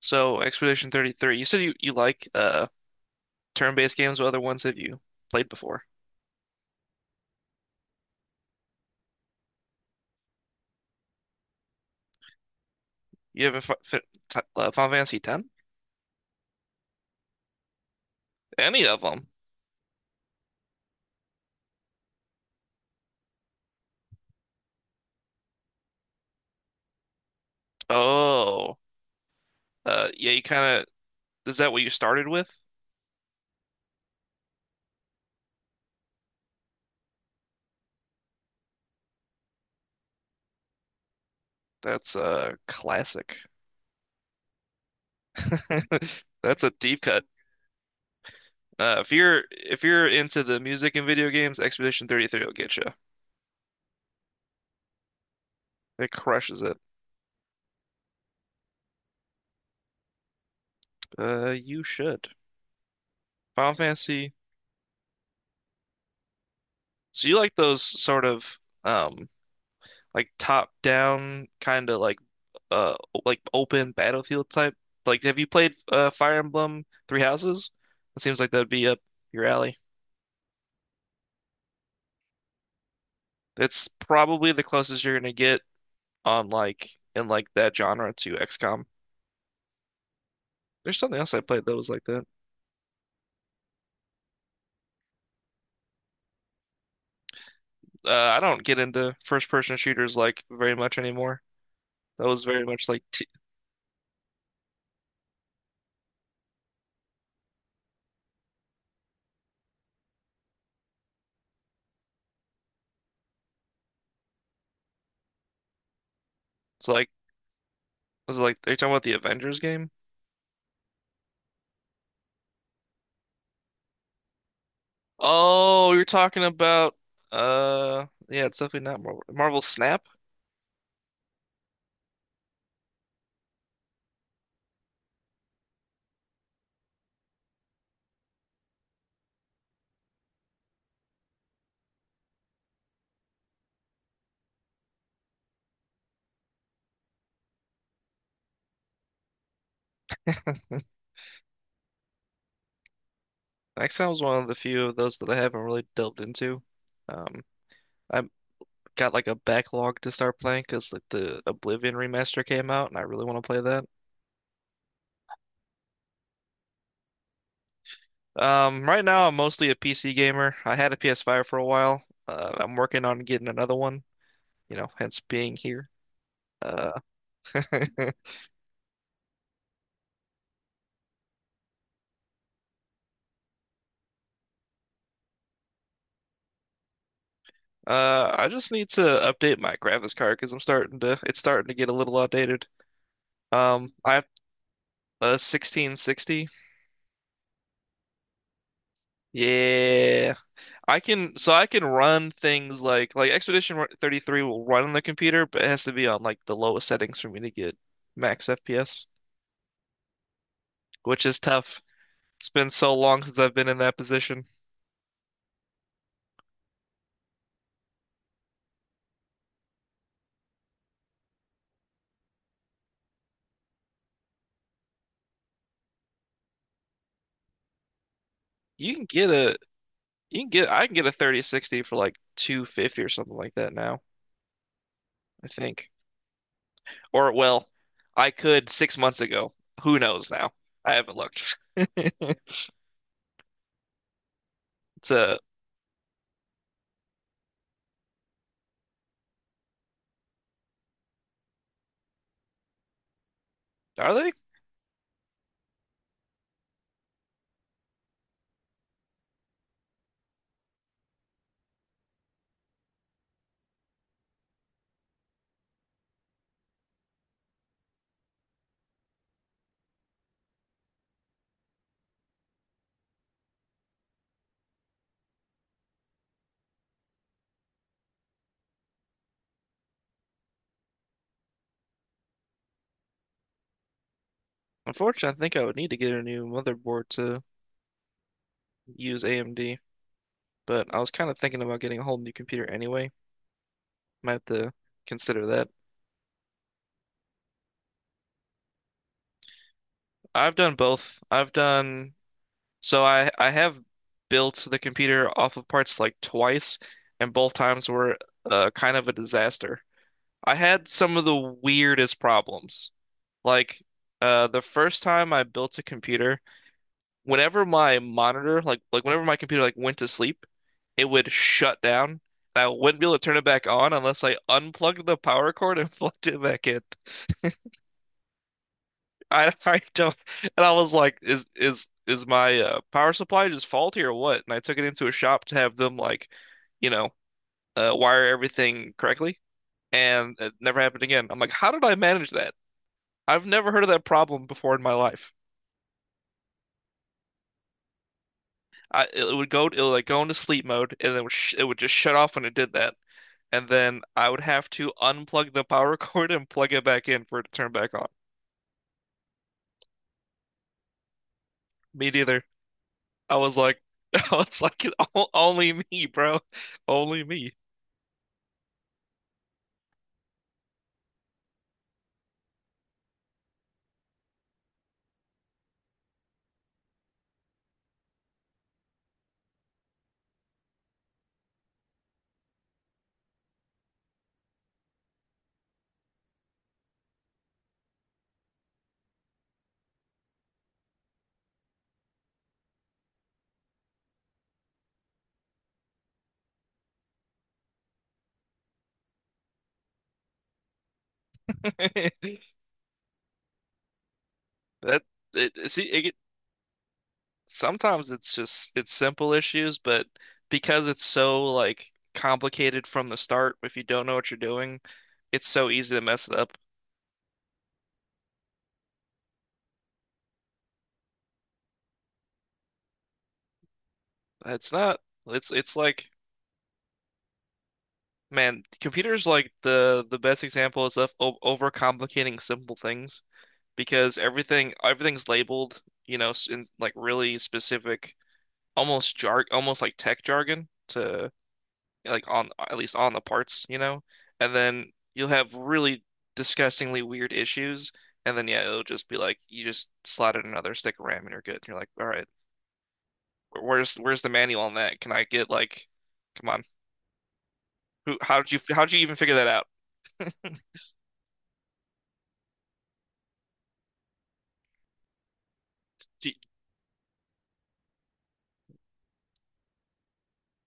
So Expedition 33, you said you like turn-based games. What other ones have you played before? You haven't fi fi t Final Fantasy 10? Any of them? Oh, yeah. You kind of is that what you started with? That's a classic. That's a deep cut. If you're into the music and video games, Expedition 33 will get you. It crushes it. You should. Final Fantasy. So you like those sort of um like top down kind of uh like open battlefield type? Like, have you played Fire Emblem Three Houses? It seems like that'd be up your alley. That's probably the closest you're gonna get on like that genre to XCOM. There's something else I played that was like that. I don't get into first person shooters like very much anymore. That was very much like t It's like was it like are you talking about the Avengers game? Oh, you're talking about yeah, it's definitely not Marvel Snap. Excel is one of the few of those that I haven't really delved into. Um, I've got like a backlog to start playing because like the Oblivion remaster came out, and I really want to play that. Right now I'm mostly a PC gamer. I had a PS5 for a while. I'm working on getting another one. You know, hence being here. Uh, uh, I just need to update my graphics card because I'm starting to it's starting to get a little outdated. I have a 1660. Yeah. I can so I can run things like Expedition 33 will run on the computer, but it has to be on like the lowest settings for me to get max FPS, which is tough. It's been so long since I've been in that position. You can get a you can get I can get a 3060 for like 250 or something like that now, I think. Or well, I could 6 months ago. Who knows now? I haven't looked. It's a, are they? Unfortunately, I think I would need to get a new motherboard to use AMD, but I was kind of thinking about getting a whole new computer anyway. Might have to consider that. I've done both. I've done so I have built the computer off of parts like twice, and both times were kind of a disaster. I had some of the weirdest problems. Like the first time I built a computer, whenever my monitor like whenever my computer like went to sleep, it would shut down, and I wouldn't be able to turn it back on unless I unplugged the power cord and plugged it back in. I I don't and I was like, is my power supply just faulty or what? And I took it into a shop to have them like, you know, wire everything correctly, and it never happened again. I'm like, how did I manage that? I've never heard of that problem before in my life. I it would go it would like go into sleep mode, and it would just shut off when it did that, and then I would have to unplug the power cord and plug it back in for it to turn back on. Me neither. I was like, I was like, "O- "only me, bro, only me." That it, see it, Sometimes it's just it's simple issues, but because it's so like complicated from the start, if you don't know what you're doing, it's so easy to mess it up. It's not it's it's like man, computers like the best example is of overcomplicating simple things, because everything's labeled, you know, in like really specific, almost like tech jargon, to like on at least on the parts, you know? And then you'll have really disgustingly weird issues, and then yeah, it'll just be like you just slide in another stick of RAM and you're good. And you're like, all right, where's the manual on that? Can I get like, come on, who? How did you even figure that out? Do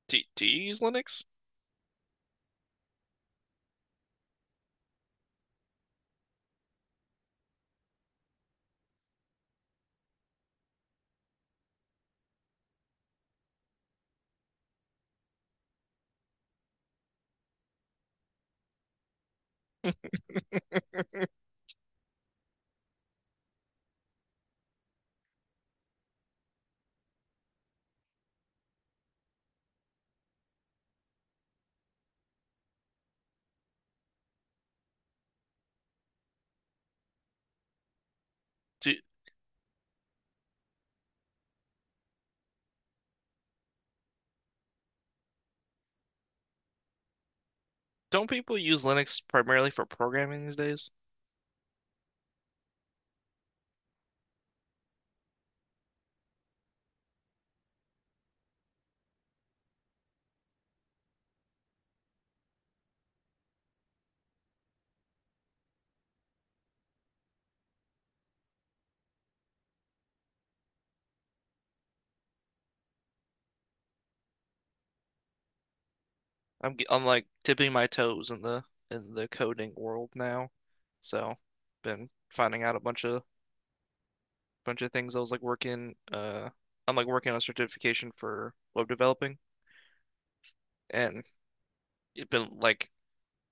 do you use Linux? Do Don't people use Linux primarily for programming these days? I'm like tipping my toes in the coding world now, so been finding out a bunch of things. I'm like working on a certification for web developing, and it's been like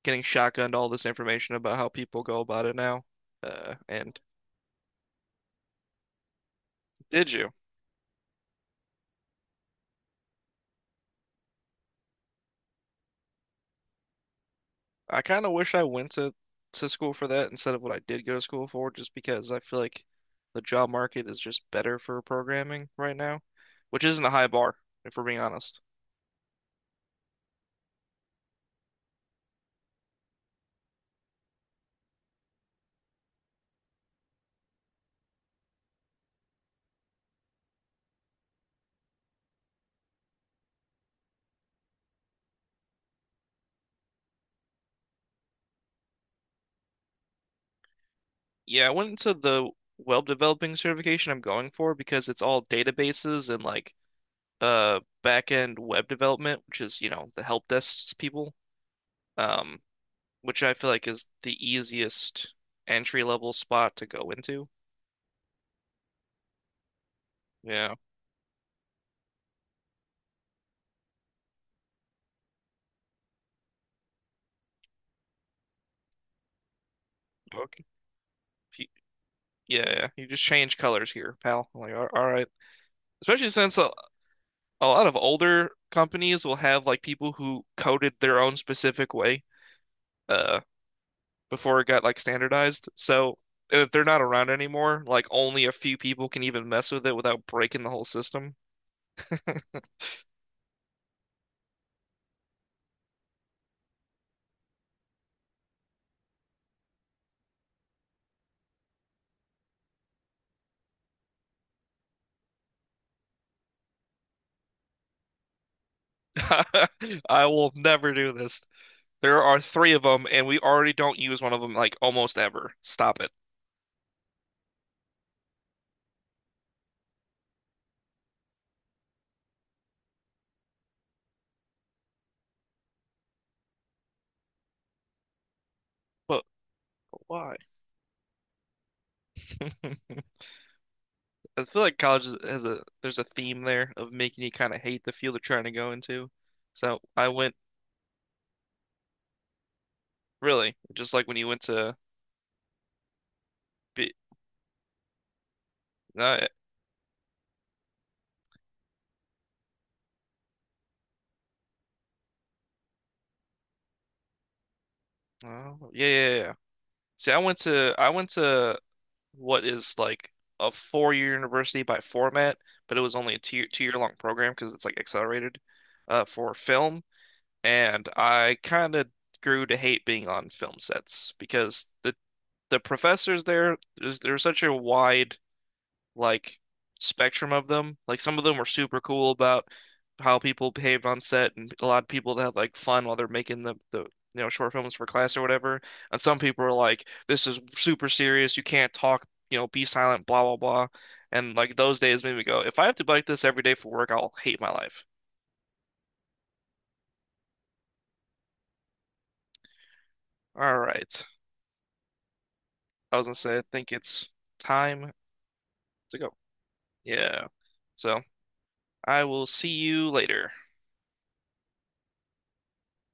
getting shotgunned all this information about how people go about it now. And did you? I kind of wish I went to school for that instead of what I did go to school for, just because I feel like the job market is just better for programming right now, which isn't a high bar, if we're being honest. Yeah, I went into the web developing certification I'm going for because it's all databases and like back end web development, which is, you know, the help desk people, um, which I feel like is the easiest entry level spot to go into. Yeah. Okay. If you- yeah, yeah. You just change colors here, pal. I'm like, all right. Especially since a lot of older companies will have like people who coded their own specific way, uh, before it got like standardized. So if they're not around anymore, like only a few people can even mess with it without breaking the whole system. I will never do this. There are three of them, and we already don't use one of them like almost ever. Stop it. But why? I feel like college has a there's a theme there of making you kind of hate the field you're trying to go into. So I went really just like when you went to be uh, oh, yeah, yeah. See, I went to what is like a four-year university by format, but it was only a two-year long program because it's like accelerated for film. And I kind of grew to hate being on film sets because the professors there, there's such a wide like spectrum of them. Like some of them were super cool about how people behaved on set, and a lot of people that had like fun while they're making the you know short films for class or whatever. And some people were like, "This is super serious. You can't talk. You know, be silent. Blah blah blah." And like those days made me go, "If I have to be like this every day for work, I'll hate my life." All right. I was gonna say, I think it's time to go. Yeah. So I will see you later.